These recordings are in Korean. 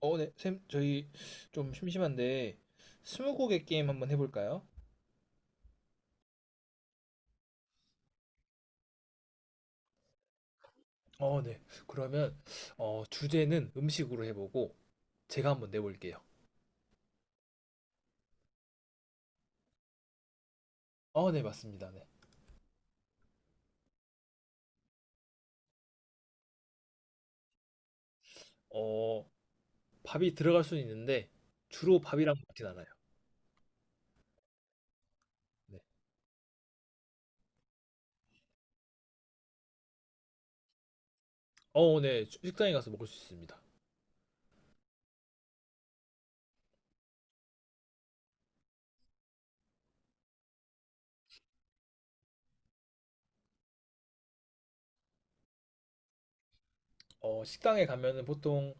네, 쌤, 저희 좀 심심한데 스무고개 게임 한번 해볼까요? 네. 그러면 주제는 음식으로 해보고 제가 한번 내볼게요. 네, 맞습니다. 네. 어, 밥이 들어갈 수는 있는데 주로 밥이랑 먹진 않아요. 네. 네. 식당에 가서 먹을 수 있습니다. 식당에 가면은 보통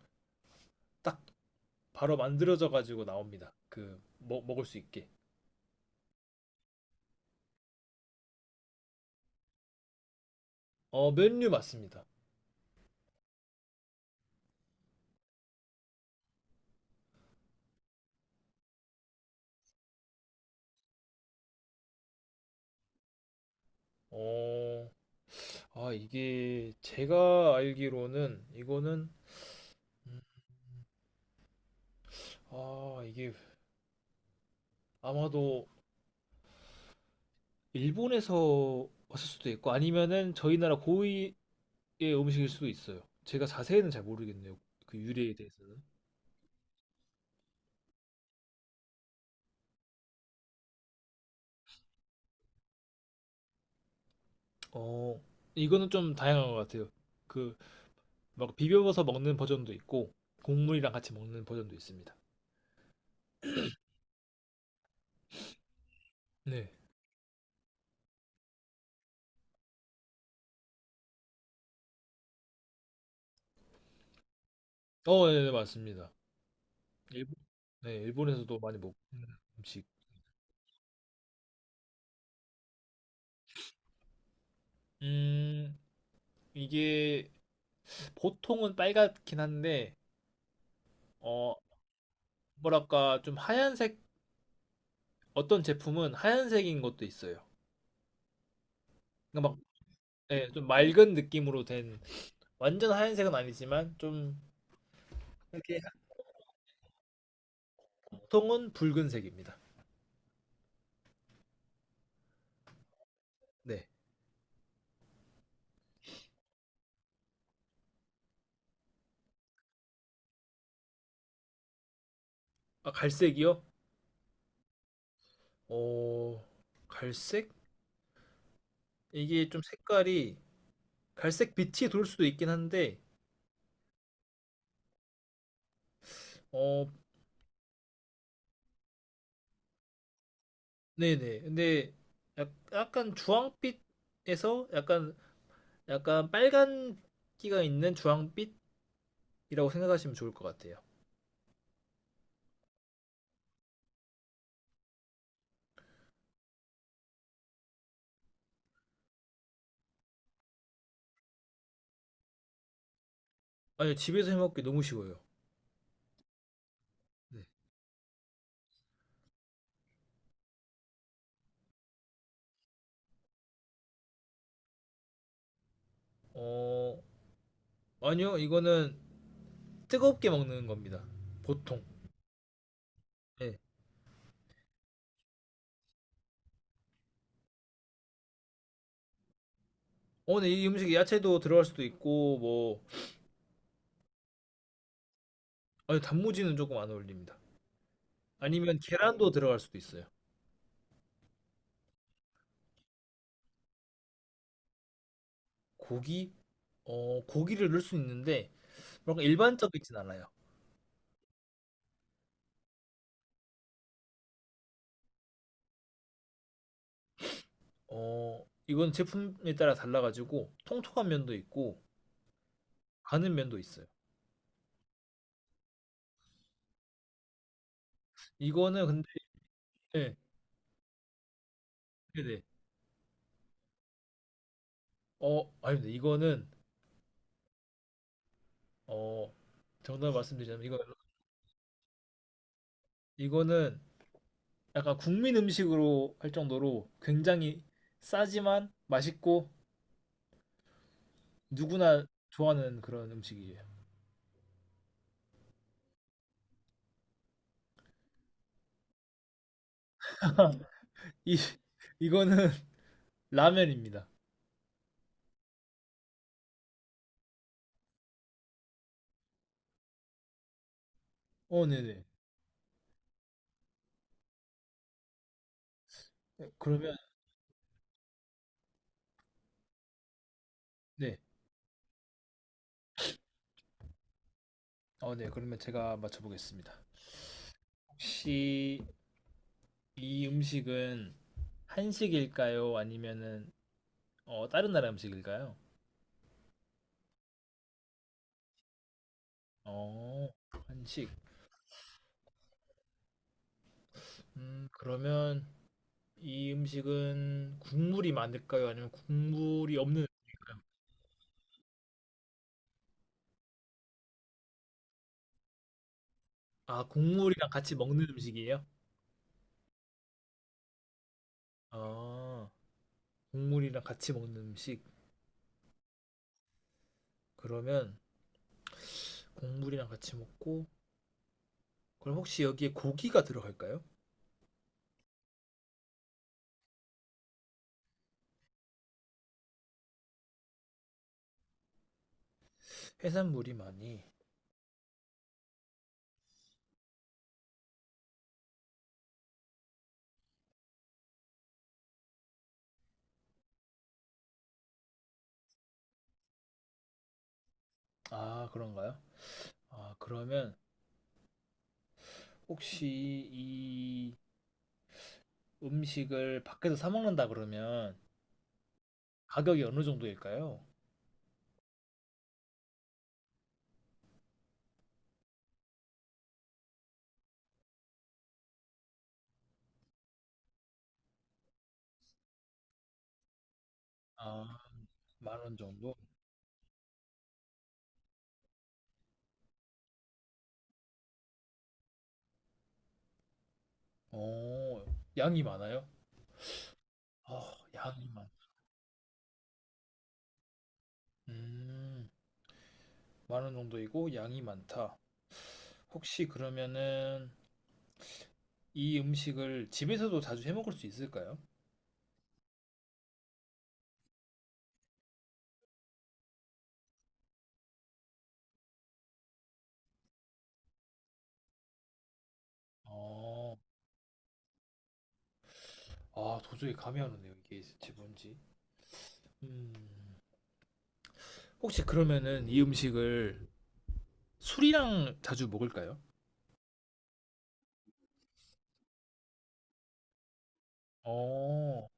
딱 바로 만들어져 가지고 나옵니다. 그 먹을 수 있게. 메뉴 맞습니다. 어, 이게 제가 알기로는 이거는 음, 이게 아마도 일본에서 왔을 수도 있고 아니면은 저희 나라 고유의 음식일 수도 있어요. 제가 자세히는 잘 모르겠네요. 그 유래에 대해서는. 어, 이거는 좀 다양한 것 같아요. 그 막 비벼서 먹는 버전도 있고 국물이랑 같이 먹는 버전도 있습니다. 네. 네, 네, 맞습니다. 일본, 네, 일본에서도 많이 먹는 음식. 음, 이게 보통은 빨갛긴 한데 어, 뭐랄까 좀 하얀색 어떤 제품은 하얀색인 것도 있어요. 그러니까 막, 예, 좀 맑은 느낌으로 된 완전 하얀색은 아니지만 좀 이렇게 보통은 붉은색입니다. 네. 아, 갈색이요? 어, 갈색? 이게 좀 색깔이 갈색 빛이 돌 수도 있긴 한데, 어, 네네. 근데 약간 주황빛에서 약간 빨간기가 있는 주황빛이라고 생각하시면 좋을 것 같아요. 아니, 집에서 해먹기 너무 쉬워요. 네. 어, 아니요, 이거는 뜨겁게 먹는 겁니다. 보통. 예. 근데 이 음식에 야채도 들어갈 수도 있고, 뭐, 아니, 단무지는 조금 안 어울립니다. 아니면 계란도 들어갈 수도 있어요. 고기? 고기를 넣을 수 있는데, 뭔가 일반적이진 않아요. 이건 제품에 따라 달라가지고, 통통한 면도 있고, 가는 면도 있어요. 이거는 근데, 예, 네네. 아닙니다. 이거는, 어, 정답 말씀드리자면, 이거는 약간 국민 음식으로 할 정도로 굉장히 싸지만 맛있고 누구나 좋아하는 그런 음식이에요. 이 이거는 라면입니다. 네네. 그러면 네. 네. 그러면 제가 맞춰보겠습니다. 혹시 이 음식은 한식일까요? 아니면은 다른 나라 음식일까요? 어, 한식. 그러면 이 음식은 국물이 많을까요? 아니면 국물이 없는 음식일까요? 아, 국물이랑 같이 먹는 음식이에요? 아, 국물이랑 같이 먹는 음식. 그러면 국물이랑 같이 먹고, 그럼 혹시 여기에 고기가 들어갈까요? 해산물이 많이. 아, 그런가요? 아, 그러면 혹시 이 음식을 밖에서 사 먹는다 그러면 가격이 어느 정도일까요? 아, 10,000원 정도? 어, 양이 많아요? 어, 양이 많. 음, 10,000원 정도이고 양이 많다. 혹시 그러면은 이 음식을 집에서도 자주 해 먹을 수 있을까요? 어, 아, 도저히 감이 안 오네요. 이게 진짜 뭔지. 음. 혹시 그러면은 이 음식을 술이랑 자주 먹을까요? 어,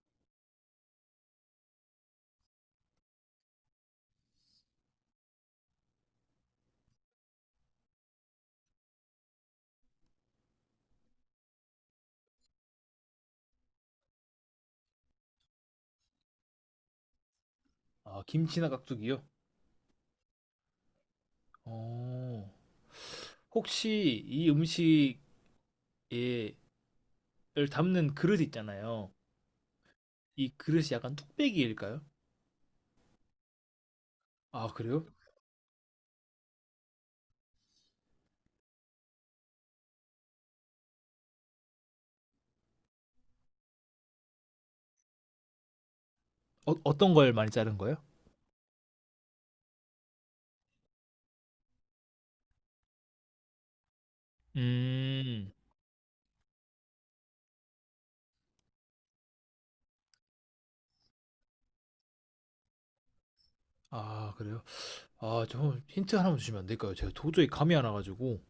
김치나 깍두기요? 어, 혹시 이 음식에 를 담는 그릇 있잖아요. 이 그릇이 약간 뚝배기일까요? 아, 그래요? 어떤 걸 많이 자른 거예요? 음, 그래요? 아, 저 힌트 하나만 주시면 안 될까요? 제가 도저히 감이 안 와가지고.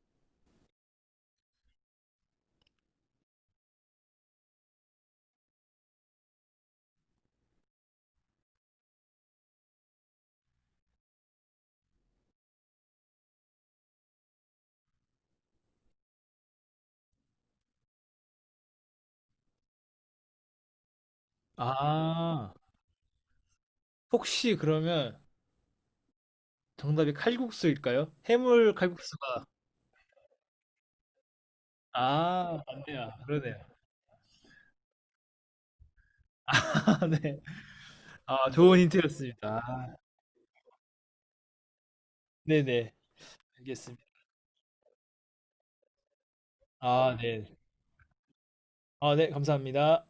아, 혹시 그러면 정답이 칼국수일까요? 해물 칼국수가 아, 맞네요. 그러네요. 아, 네. 아, 좋은 힌트였습니다. 아, 네네. 알겠습니다. 아, 네. 아, 네. 감사합니다.